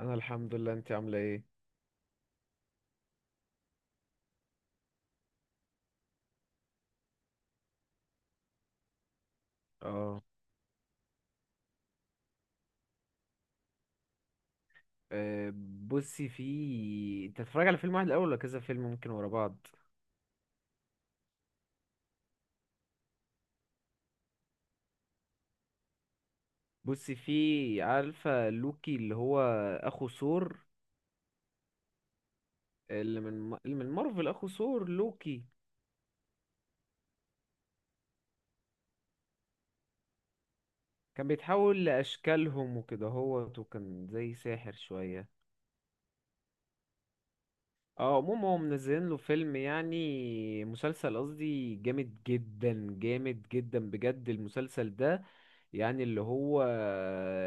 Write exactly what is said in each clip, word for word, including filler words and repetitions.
انا الحمد لله، انت عامله ايه؟ اه. أه، بصي، في انت تتفرج على فيلم واحد الاول ولا كذا فيلم ممكن ورا بعض؟ بصي، في عارفه لوكي اللي هو اخو ثور؟ اللي من اللي من مارفل، اخو ثور، لوكي. كان بيتحول لاشكالهم وكده، هو وكان زي ساحر شويه. اه، عموما هم منزلين له فيلم يعني مسلسل قصدي، جامد جدا جامد جدا بجد المسلسل ده. يعني اللي هو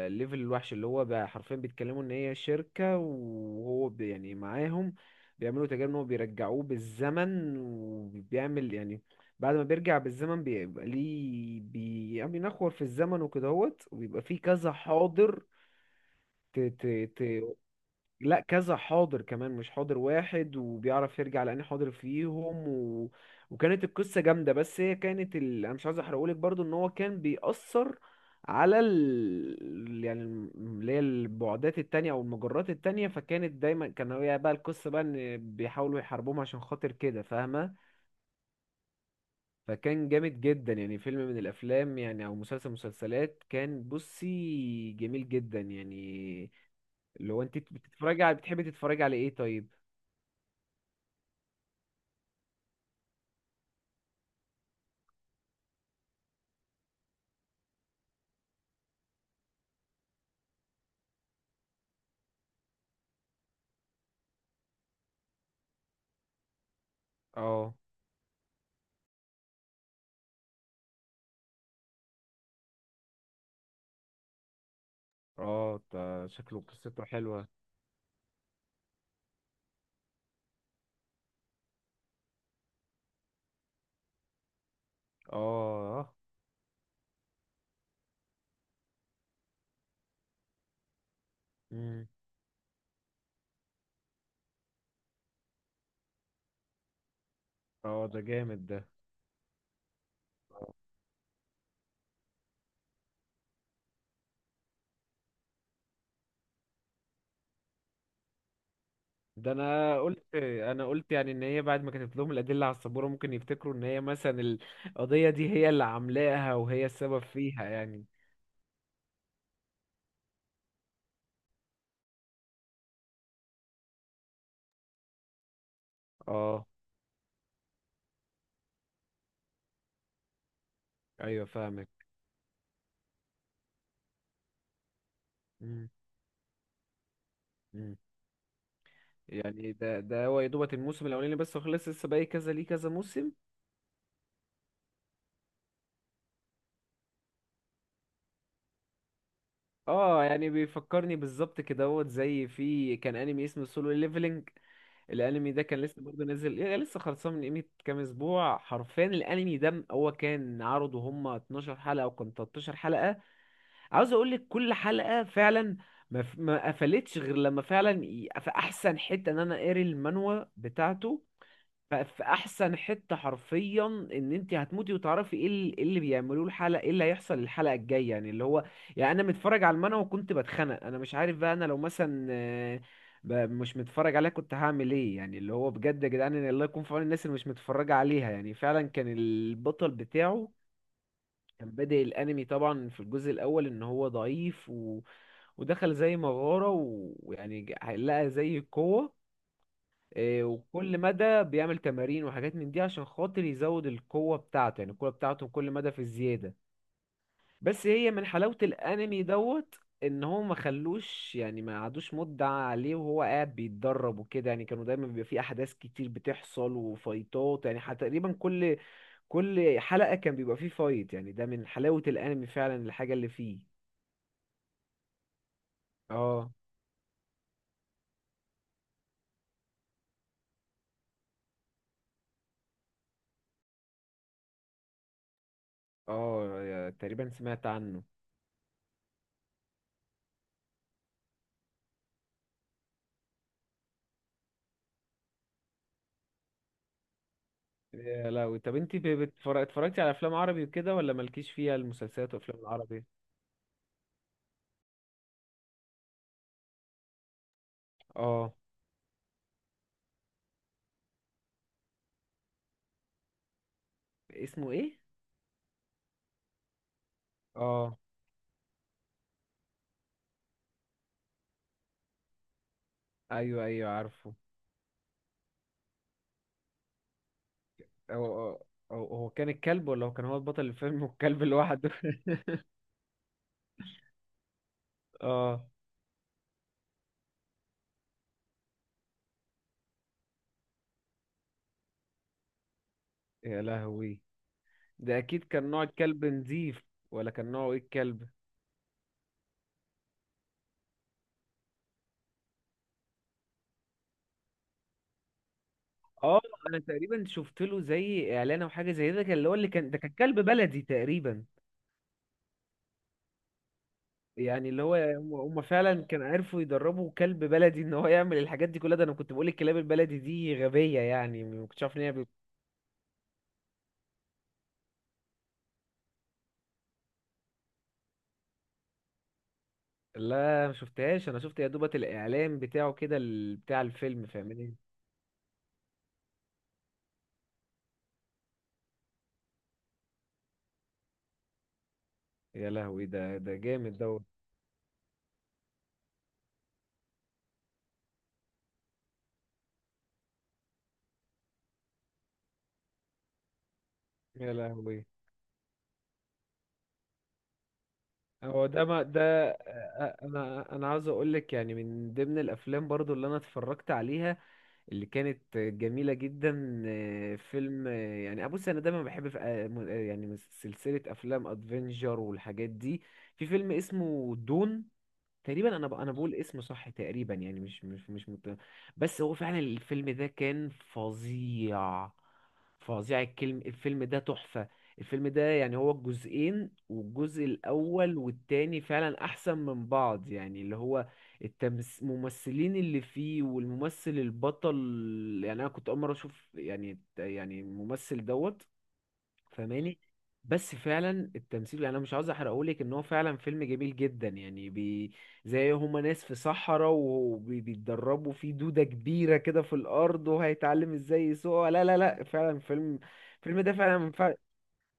الليفل الوحش، اللي هو بقى حرفيا بيتكلموا ان هي شركة وهو بي- يعني معاهم. بيعملوا تجارب ان هو بيرجعوه بالزمن، وبيعمل يعني بعد ما بيرجع بالزمن بيبقى ليه بي يعني بينخور في الزمن وكدهوت، وبيبقى فيه كذا حاضر. ت ت ت لا، كذا حاضر كمان، مش حاضر واحد، وبيعرف يرجع لأني حاضر فيهم و... وكانت القصة جامدة، بس هي كانت ال... أنا مش عايز أحرقهولك برضو، إن هو كان بيأثر على ال... يعني الم- اللي هي البعدات التانية أو المجرات التانية. فكانت دايما كان هي بقى القصة بقى إن بيحاولوا يحاربوهم عشان خاطر كده، فاهمة؟ فكان جامد جدا، يعني فيلم من الأفلام يعني أو مسلسل مسلسلات، كان بصي جميل جدا يعني. اللي هو أنت بتتفرجي على بتحبي تتفرجي على إيه طيب؟ اه. اه، ده شكله قصته حلوة. اه. امم. اه، ده جامد ده. ده انا قلت انا قلت يعني ان هي بعد ما كتبت لهم الادله على السبوره، ممكن يفتكروا ان هي مثلا القضيه دي هي اللي عاملاها وهي السبب فيها يعني. اه، ايوه فاهمك. امم. امم. يعني ده ده هو يا دوبت الموسم الاولاني بس، وخلص لسه باقي كذا ليه كذا موسم. اه، يعني بيفكرني بالظبط كده، هو زي في كان انمي اسمه سولو ليفلنج. الانمي ده كان لسه برضه نازل، يعني لسه خلصان من قيمه كام اسبوع حرفيا. الانمي ده هو كان عرضه هم 12 حلقه او كان 13 حلقه. عاوز اقول لك كل حلقه فعلا ما ف- ما قفلتش غير لما فعلا ي- في احسن حته، ان انا قاري المانوا بتاعته. ف- في احسن حته حرفيا، ان انت هتموتي وتعرفي ايه ال- إيه اللي بيعملوه الحلقه، ايه اللي هيحصل الحلقه الجايه، يعني اللي هو يعني انا متفرج على المانهوا وكنت بتخنق. انا مش عارف بقى انا لو مثلا آه، ب- مش متفرج عليها كنت هعمل ايه، يعني اللي هو بجد يا جدعان، إن الله يكون في عون الناس اللي مش متفرجه عليها. يعني فعلا كان البطل بتاعه كان بادئ الانمي طبعا في الجزء الاول ان هو ضعيف و... ودخل زي مغاره و- ويعني ج- لقى زي قوه. إيه، وكل مدى بيعمل تمارين وحاجات من دي عشان خاطر يزود القوة بتاعته، يعني القوة بتاعته كل مدى في الزيادة. بس هي من حلاوة الأنمي دوت، إن هو ما خلوش يعني ما قعدوش مدة عليه وهو قاعد بيتدرب وكده. يعني كانوا دايما بيبقى فيه أحداث كتير بتحصل وفايتات، يعني حتى تقريبا كل كل حلقة كان بيبقى فيه فايت، يعني ده من حلاوة الأنمي فعلا الحاجة اللي فيه. اه. اه، تقريبا سمعت عنه. يا لهوي. طب انت ب- بتفر- اتفرجتي على افلام عربي وكده ولا مالكيش فيها المسلسلات وافلام العربي؟ اه. اسمه ايه؟ اه، ايوه ايوه عارفه. هو هو. هو- هو كان الكلب ولا هو كان هو البطل الفيلم والكلب لوحده؟ اه. يا لهوي، ده اكيد كان نوع الكلب نظيف، ولا كان نوعه ايه الكلب؟ اه، انا تقريبا شفت له زي اعلان او حاجه زي ده، كان اللي هو اللي كان ده كان كلب بلدي تقريبا. يعني اللي هو هم هم فعلا كانوا عرفوا يدربوا كلب بلدي ان هو يعمل الحاجات دي كلها. ده انا كنت بقول الكلاب البلدي دي غبية، يعني ما كنتش عارف ان هي بت... لا، ما شفتهاش. انا شفت يا دوبة الاعلان بتاعه كده، ال- بتاع الفيلم، فاهمني؟ يا لهوي، ده ده جامد دوت. يا لهوي. هو ده ما ده أ- أ- انا انا عاوز اقول لك، يعني من ضمن الافلام برضو اللي انا اتفرجت عليها اللي كانت جميلة جدا، آه، فيلم آه، يعني أبص، أنا دايما بحب في آه، م- آه، يعني سلسلة أفلام أدفنجر والحاجات دي. في فيلم اسمه دون، تقريبا انا ب... انا بقول اسمه صح تقريبا، يعني مش مش مش مت... بس هو فعلا الفيلم ده كان فظيع، فظيع الكلم. الفيلم ده تحفة. الفيلم ده يعني هو الجزئين، والجزء الاول والتاني فعلا احسن من بعض، يعني اللي هو التمس... الممثلين اللي فيه والممثل البطل، يعني انا كنت اول مرة اشوف يعني يعني الممثل دوت، فاهماني؟ بس فعلا التمثيل، يعني انا مش عاوز احرقهولك، ان هو فعلا فيلم جميل جدا يعني، بي زي هما ناس في صحراء وبيتدربوا في دودة كبيرة كده في الارض وهيتعلم ازاي يسوقها. لا لا لا، فعلا فيلم، الفيلم ده فعلا ما ينفع-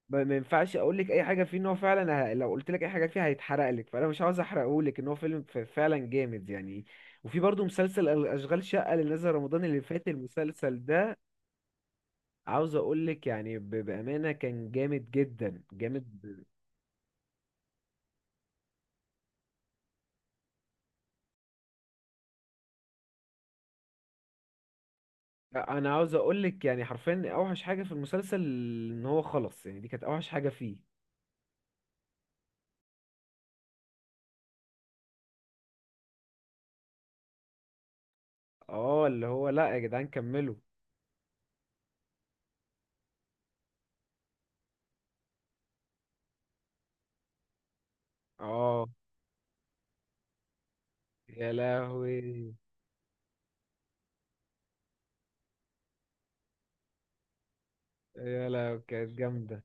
ما- ما ينفعش اقول لك اي حاجة فيه، ان هو فعلا ه- لو قلت لك اي حاجة فيه هيتحرق لك، فانا مش عاوز احرقهولك، ان هو فيلم ف- فعلا جامد يعني. وفي برضه مسلسل اشغال شقة اللي نزل رمضان اللي فات، المسلسل ده عاوز اقول لك يعني ب- بامانه كان جامد جدا جامد ب- انا عاوز اقول لك يعني حرفيا، اوحش حاجه في المسلسل ان هو خلص. يعني دي كانت اوحش حاجه فيه. اه، اللي هو لا يا جدعان كملوا. اه. يا لهوي. يا لهوي، كانت جامده.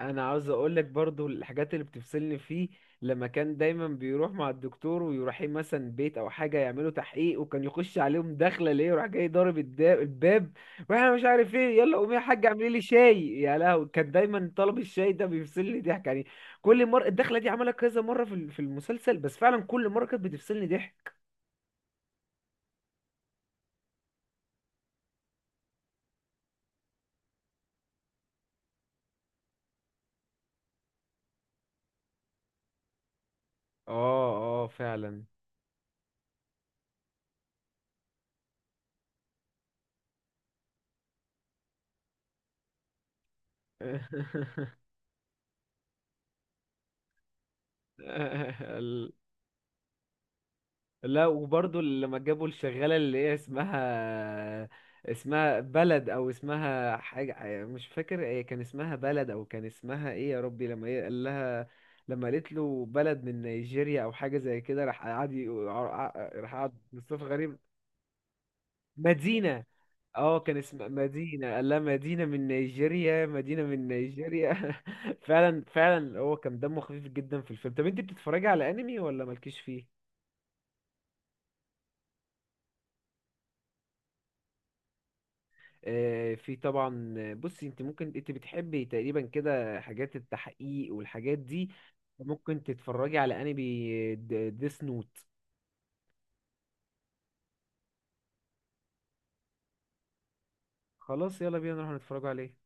انا عاوز اقول لك برضو الحاجات اللي بتفصلني فيه، لما كان دايما بيروح مع الدكتور ويروح مثلا بيت او حاجه يعملوا تحقيق، وكان يخش عليهم داخله ليه وراح جاي ضارب الدا- الباب، واحنا مش عارف ايه، يلا قومي يا حاجه اعملي لي شاي. يا لهوي، كان دايما طلب الشاي ده بيفصلني ضحك يعني. كل مره الدخله دي عملها كذا مره في ال- في المسلسل، بس فعلا كل مره كانت بتفصلني ضحك. اه. اه فعلا. لا، وبرضه لما جابوا الشغالة اللي هي اسمها، اسمها بلد او اسمها حاجة مش فاكر، هي كان اسمها بلد او كان اسمها ايه يا ربي، لما هي قال لها، لما قالت له بلد من نيجيريا او حاجة زي كده، راح قعد يقول- راح قعد مصطفى غريب. مدينة، اه كان اسمها مدينة، قال لها مدينة من نيجيريا، مدينة من نيجيريا. فعلا فعلا هو كان دمه خفيف جدا في الفيلم. طب انت بتتفرجي على انمي ولا مالكيش فيه؟ آه، في طبعا. آه، بصي، انت ممكن انت بتحبي تقريبا كده حاجات التحقيق والحاجات دي، ممكن تتفرجي على انمي ديس نوت. خلاص، يلا بينا نروح نتفرجوا عليه.